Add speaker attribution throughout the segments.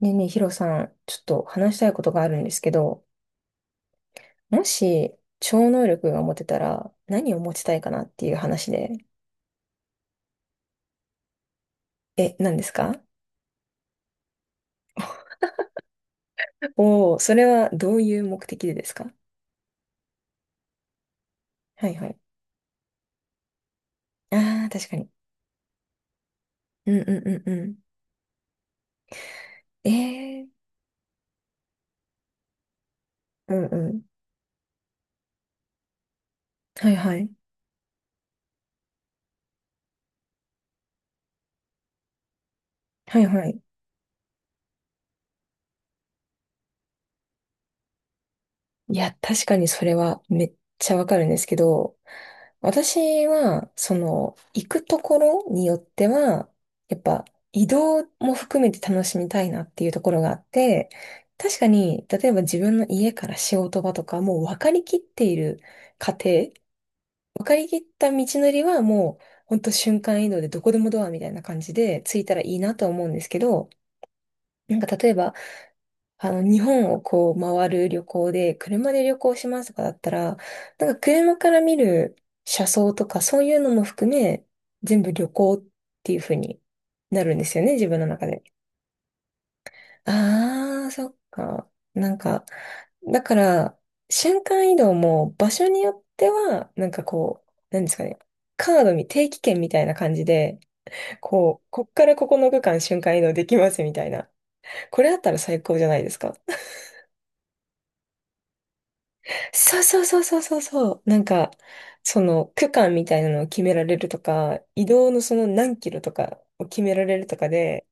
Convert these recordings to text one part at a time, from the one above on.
Speaker 1: ねえねえ、ヒロさん、ちょっと話したいことがあるんですけど、もし超能力が持てたら何を持ちたいかなっていう話で。え、何ですか？お おー、それはどういう目的でですか？はいはい。ああ、確かに。うんうんうんうん。ええー、うんうん。はいはい。はいはい。いや、確かにそれはめっちゃわかるんですけど、私は、その、行くところによっては、やっぱ移動も含めて楽しみたいなっていうところがあって。確かに、例えば自分の家から仕事場とか、もう分かりきっている過程、分かりきった道のりはもう、ほんと瞬間移動でどこでもドアみたいな感じで着いたらいいなとは思うんですけど、なんか例えば、日本をこう回る旅行で、車で旅行しますとかだったら、なんか車から見る車窓とかそういうのも含め、全部旅行っていう風になるんですよね、自分の中で。ああ、そっか。なんか、だから、瞬間移動も場所によっては、なんかこう、なんですかね、カードみ、定期券みたいな感じで、こう、こっからここの区間瞬間移動できますみたいな。これあったら最高じゃないですか。そうそうそうそうそうそう。なんか、その区間みたいなのを決められるとか、移動のその何キロとかを決められるとかで。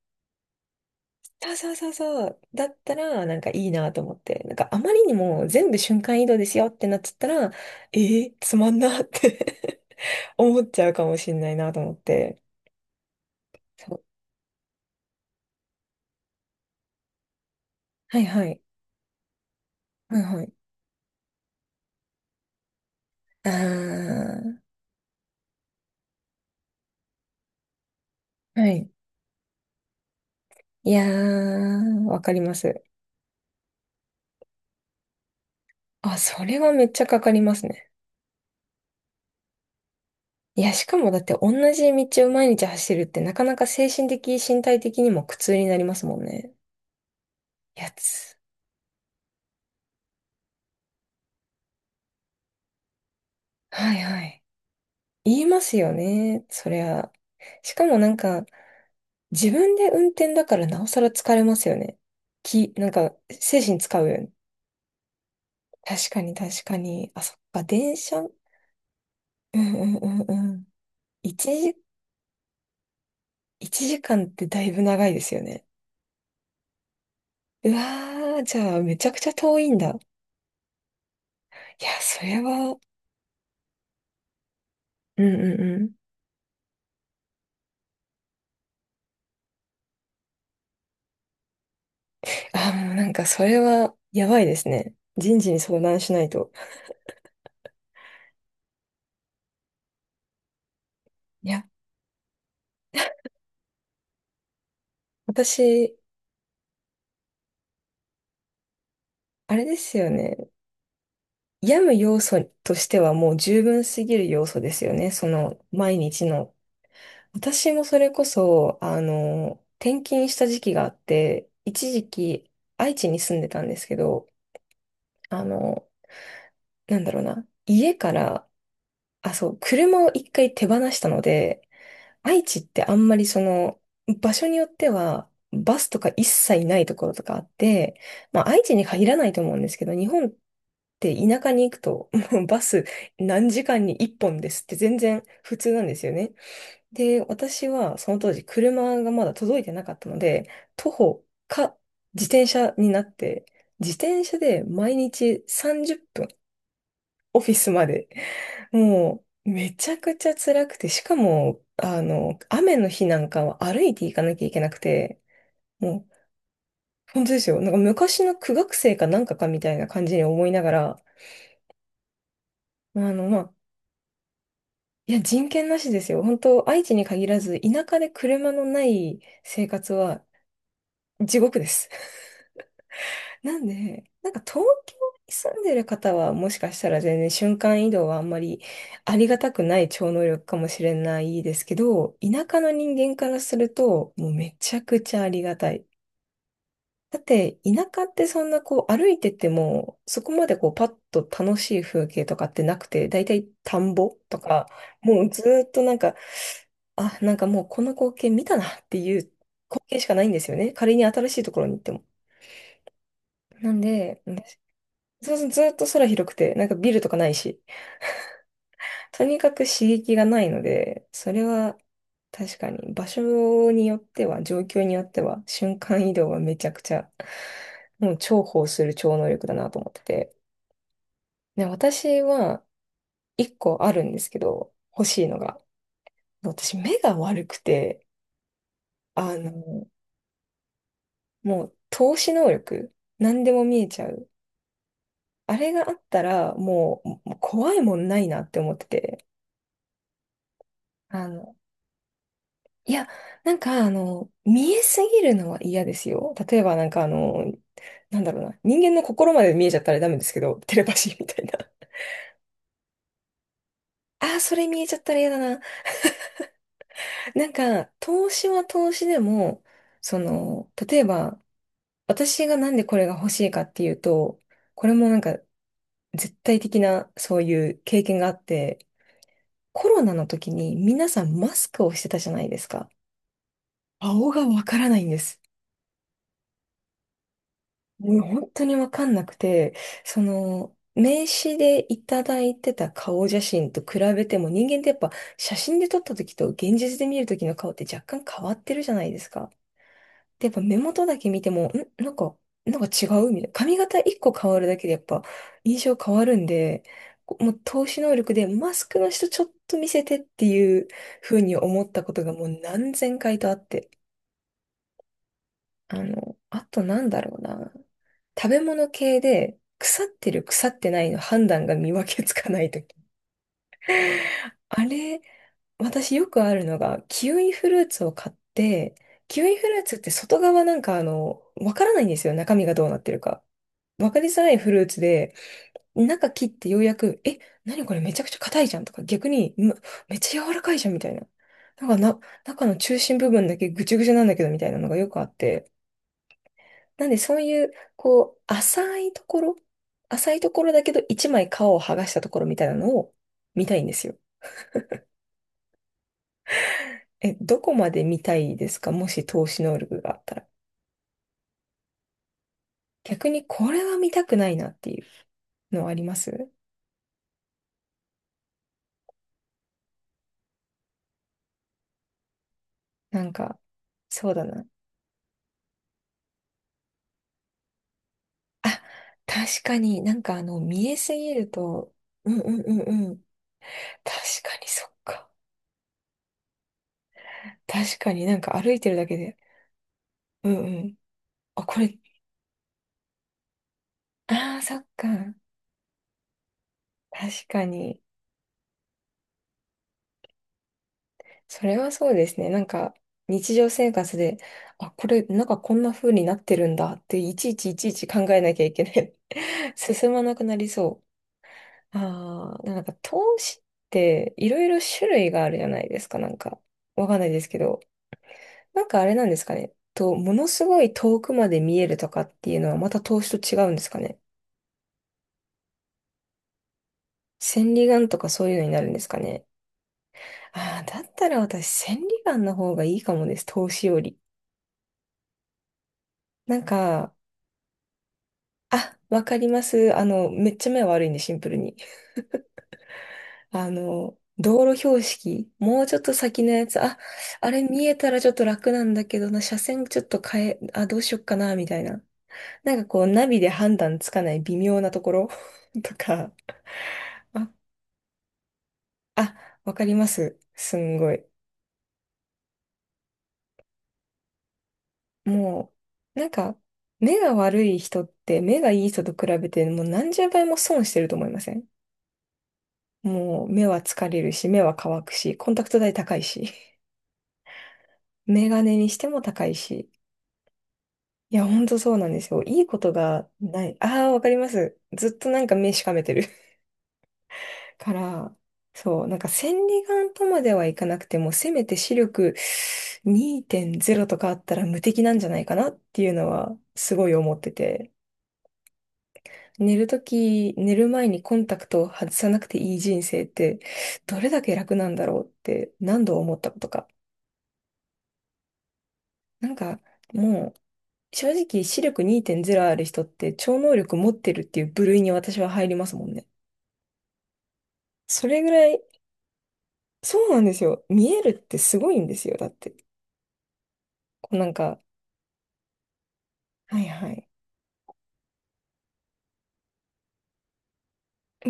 Speaker 1: そうそうそうそう。だったら、なんかいいなと思って。なんかあまりにも全部瞬間移動ですよってなっちゃったら、つまんなって 思っちゃうかもしんないなと思って。そう。はいはい。はいはい。あー、はい。いやー、わかります。あ、それはめっちゃかかりますね。いや、しかもだって同じ道を毎日走るってなかなか精神的、身体的にも苦痛になりますもんね。やつ。はいはい。言いますよね。そりゃ。しかもなんか、自分で運転だからなおさら疲れますよね。なんか、精神使うよね。確かに確かに。あ、そっか、電車。うんうんうんうん。一時、一時間ってだいぶ長いですよね。うわー、じゃあめちゃくちゃ遠いんだ。いや、それは、うんうん、あ、もうなんかそれはやばいですね。人事に相談しないと。いや、私、あれですよね。病む要素としてはもう十分すぎる要素ですよね。その毎日の。私もそれこそ、転勤した時期があって、一時期愛知に住んでたんですけど、あの、なんだろうな。家から、あ、そう、車を一回手放したので、愛知ってあんまり場所によっては、バスとか一切ないところとかあって、まあ愛知に限らないと思うんですけど、日本って田舎に行くと、もうバス何時間に1本ですって全然普通なんですよね。で、私はその当時車がまだ届いてなかったので、徒歩か自転車になって、自転車で毎日30分オフィスまで、もう、めちゃくちゃ辛くて、しかも、雨の日なんかは歩いて行かなきゃいけなくて、もう、本当ですよ。なんか昔の苦学生かなんかかみたいな感じに思いながら、まあ、いや、人権なしですよ。本当、愛知に限らず、田舎で車のない生活は地獄です。なんで、なんか東京に住んでる方はもしかしたら全然瞬間移動はあんまりありがたくない超能力かもしれないですけど、田舎の人間からするともうめちゃくちゃありがたい。だって田舎ってそんなこう歩いててもそこまでこうパッと楽しい風景とかってなくて、だいたい田んぼとか、もうずーっとなんか、あ、なんかもうこの光景見たなっていう光景しかないんですよね。仮に新しいところに行っても。なんで、そうそう、ずっと空広くて、なんかビルとかないし、とにかく刺激がないので、それは確かに場所によっては、状況によっては、瞬間移動はめちゃくちゃ、もう重宝する超能力だなと思ってて。で、私は一個あるんですけど、欲しいのが。私目が悪くて、あの、もう透視能力、何でも見えちゃう。あれがあったら、もうもう怖いもんないなって思ってて。あの、いや、なんか、見えすぎるのは嫌ですよ。例えば、なんか、なんだろうな。人間の心まで見えちゃったらダメですけど、テレパシーみたいな。ああ、それ見えちゃったら嫌だな。なんか、投資は投資でも、その、例えば、私がなんでこれが欲しいかっていうと、これもなんか、絶対的な、そういう経験があって、コロナの時に皆さんマスクをしてたじゃないですか。顔がわからないんです。もうね本当にわかんなくて、名刺でいただいてた顔写真と比べても人間ってやっぱ写真で撮った時と現実で見る時の顔って若干変わってるじゃないですか。で、やっぱ目元だけ見ても、なんか、違うみたいな。髪型一個変わるだけでやっぱ印象変わるんで、もう透視能力でマスクの人ちょっと見せてっていう風に思ったことがもう何千回とあって。あとなんだろうな。食べ物系で腐ってる腐ってないの判断が見分けつかないとき。あれ、私よくあるのが、キウイフルーツを買って、キウイフルーツって外側なんかあの、わからないんですよ。中身がどうなってるか。わかりづらいフルーツで、中切ってようやく、え、何これめちゃくちゃ硬いじゃんとか、逆に、めっちゃ柔らかいじゃんみたいな。なんかな、中の中心部分だけぐちゅぐちゅなんだけどみたいなのがよくあって、なんでそういう、こう、浅いところだけど一枚皮を剥がしたところみたいなのを見たいんですよ。え、どこまで見たいですか、もし投資能力があったら？逆にこれは見たくないなっていうのはあります？なんか、そうだな。あ、確かになんか見えすぎると、うんうんうんうん。確かにそっか。確かになんか歩いてるだけで、うんうん。あ、これ、ああ、そっか。確かに。それはそうですね。なんか、日常生活で、あ、これ、なんかこんな風になってるんだって、いちいちいちいち考えなきゃいけない。進まなくなりそう。ああ、なんか投資っていろいろ種類があるじゃないですか。なんか、わかんないですけど。なんかあれなんですかね。ものすごい遠くまで見えるとかっていうのはまた投資と違うんですかね。千里眼とかそういうのになるんですかね。ああ、だったら私千里眼の方がいいかもです。投資より。なんか、あ、わかります。めっちゃ目悪いんで、シンプルに。道路標識、もうちょっと先のやつ、あ、あれ見えたらちょっと楽なんだけどな、車線ちょっと変え、あ、どうしよっかな、みたいな。なんかこう、ナビで判断つかない微妙なところ とか、あ、あ、わかります。すんごい。もう、なんか、目が悪い人って、目がいい人と比べて、もう何十倍も損してると思いません？もう、目は疲れるし、目は乾くし、コンタクト代高いし。メガネにしても高いし。いや、ほんとそうなんですよ。いいことがない。ああ、わかります。ずっとなんか目しかめてる。から、そう、なんか千里眼とまではいかなくても、せめて視力2.0とかあったら無敵なんじゃないかなっていうのは、すごい思ってて。寝る前にコンタクトを外さなくていい人生って、どれだけ楽なんだろうって何度思ったことか。なんか、もう、正直視力2.0ある人って超能力持ってるっていう部類に私は入りますもんね。それぐらい、そうなんですよ。見えるってすごいんですよ。だって。こうなんか、はいはい。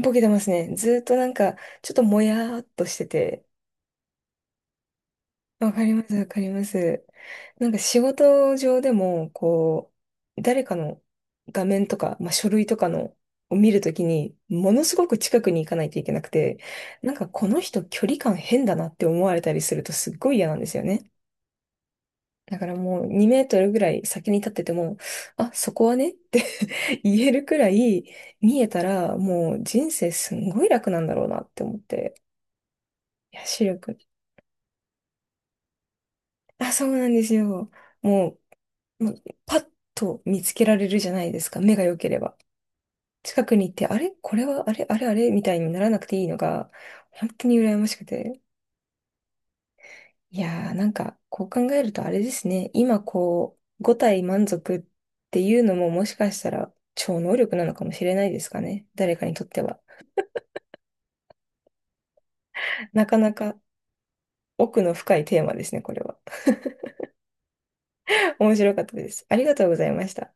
Speaker 1: ボケてますね。ずーっとなんか、ちょっともやーっとしてて、わかります、わかります。なんか仕事上でも、こう、誰かの画面とか、まあ、書類とかのを見るときに、ものすごく近くに行かないといけなくて、なんかこの人距離感変だなって思われたりするとすっごい嫌なんですよね。だからもう2メートルぐらい先に立ってても、あ、そこはねって 言えるくらい見えたら、もう人生すんごい楽なんだろうなって思って。いや、視力。あ、そうなんですよ。もうもうパッと見つけられるじゃないですか、目が良ければ。近くに行って、あれこれは、あれあれあれみたいにならなくていいのが、本当に羨ましくて。いやー、なんか、こう考えるとあれですね。今、こう、五体満足っていうのももしかしたら超能力なのかもしれないですかね。誰かにとっては。なかなか奥の深いテーマですね、これは。面白かったです。ありがとうございました。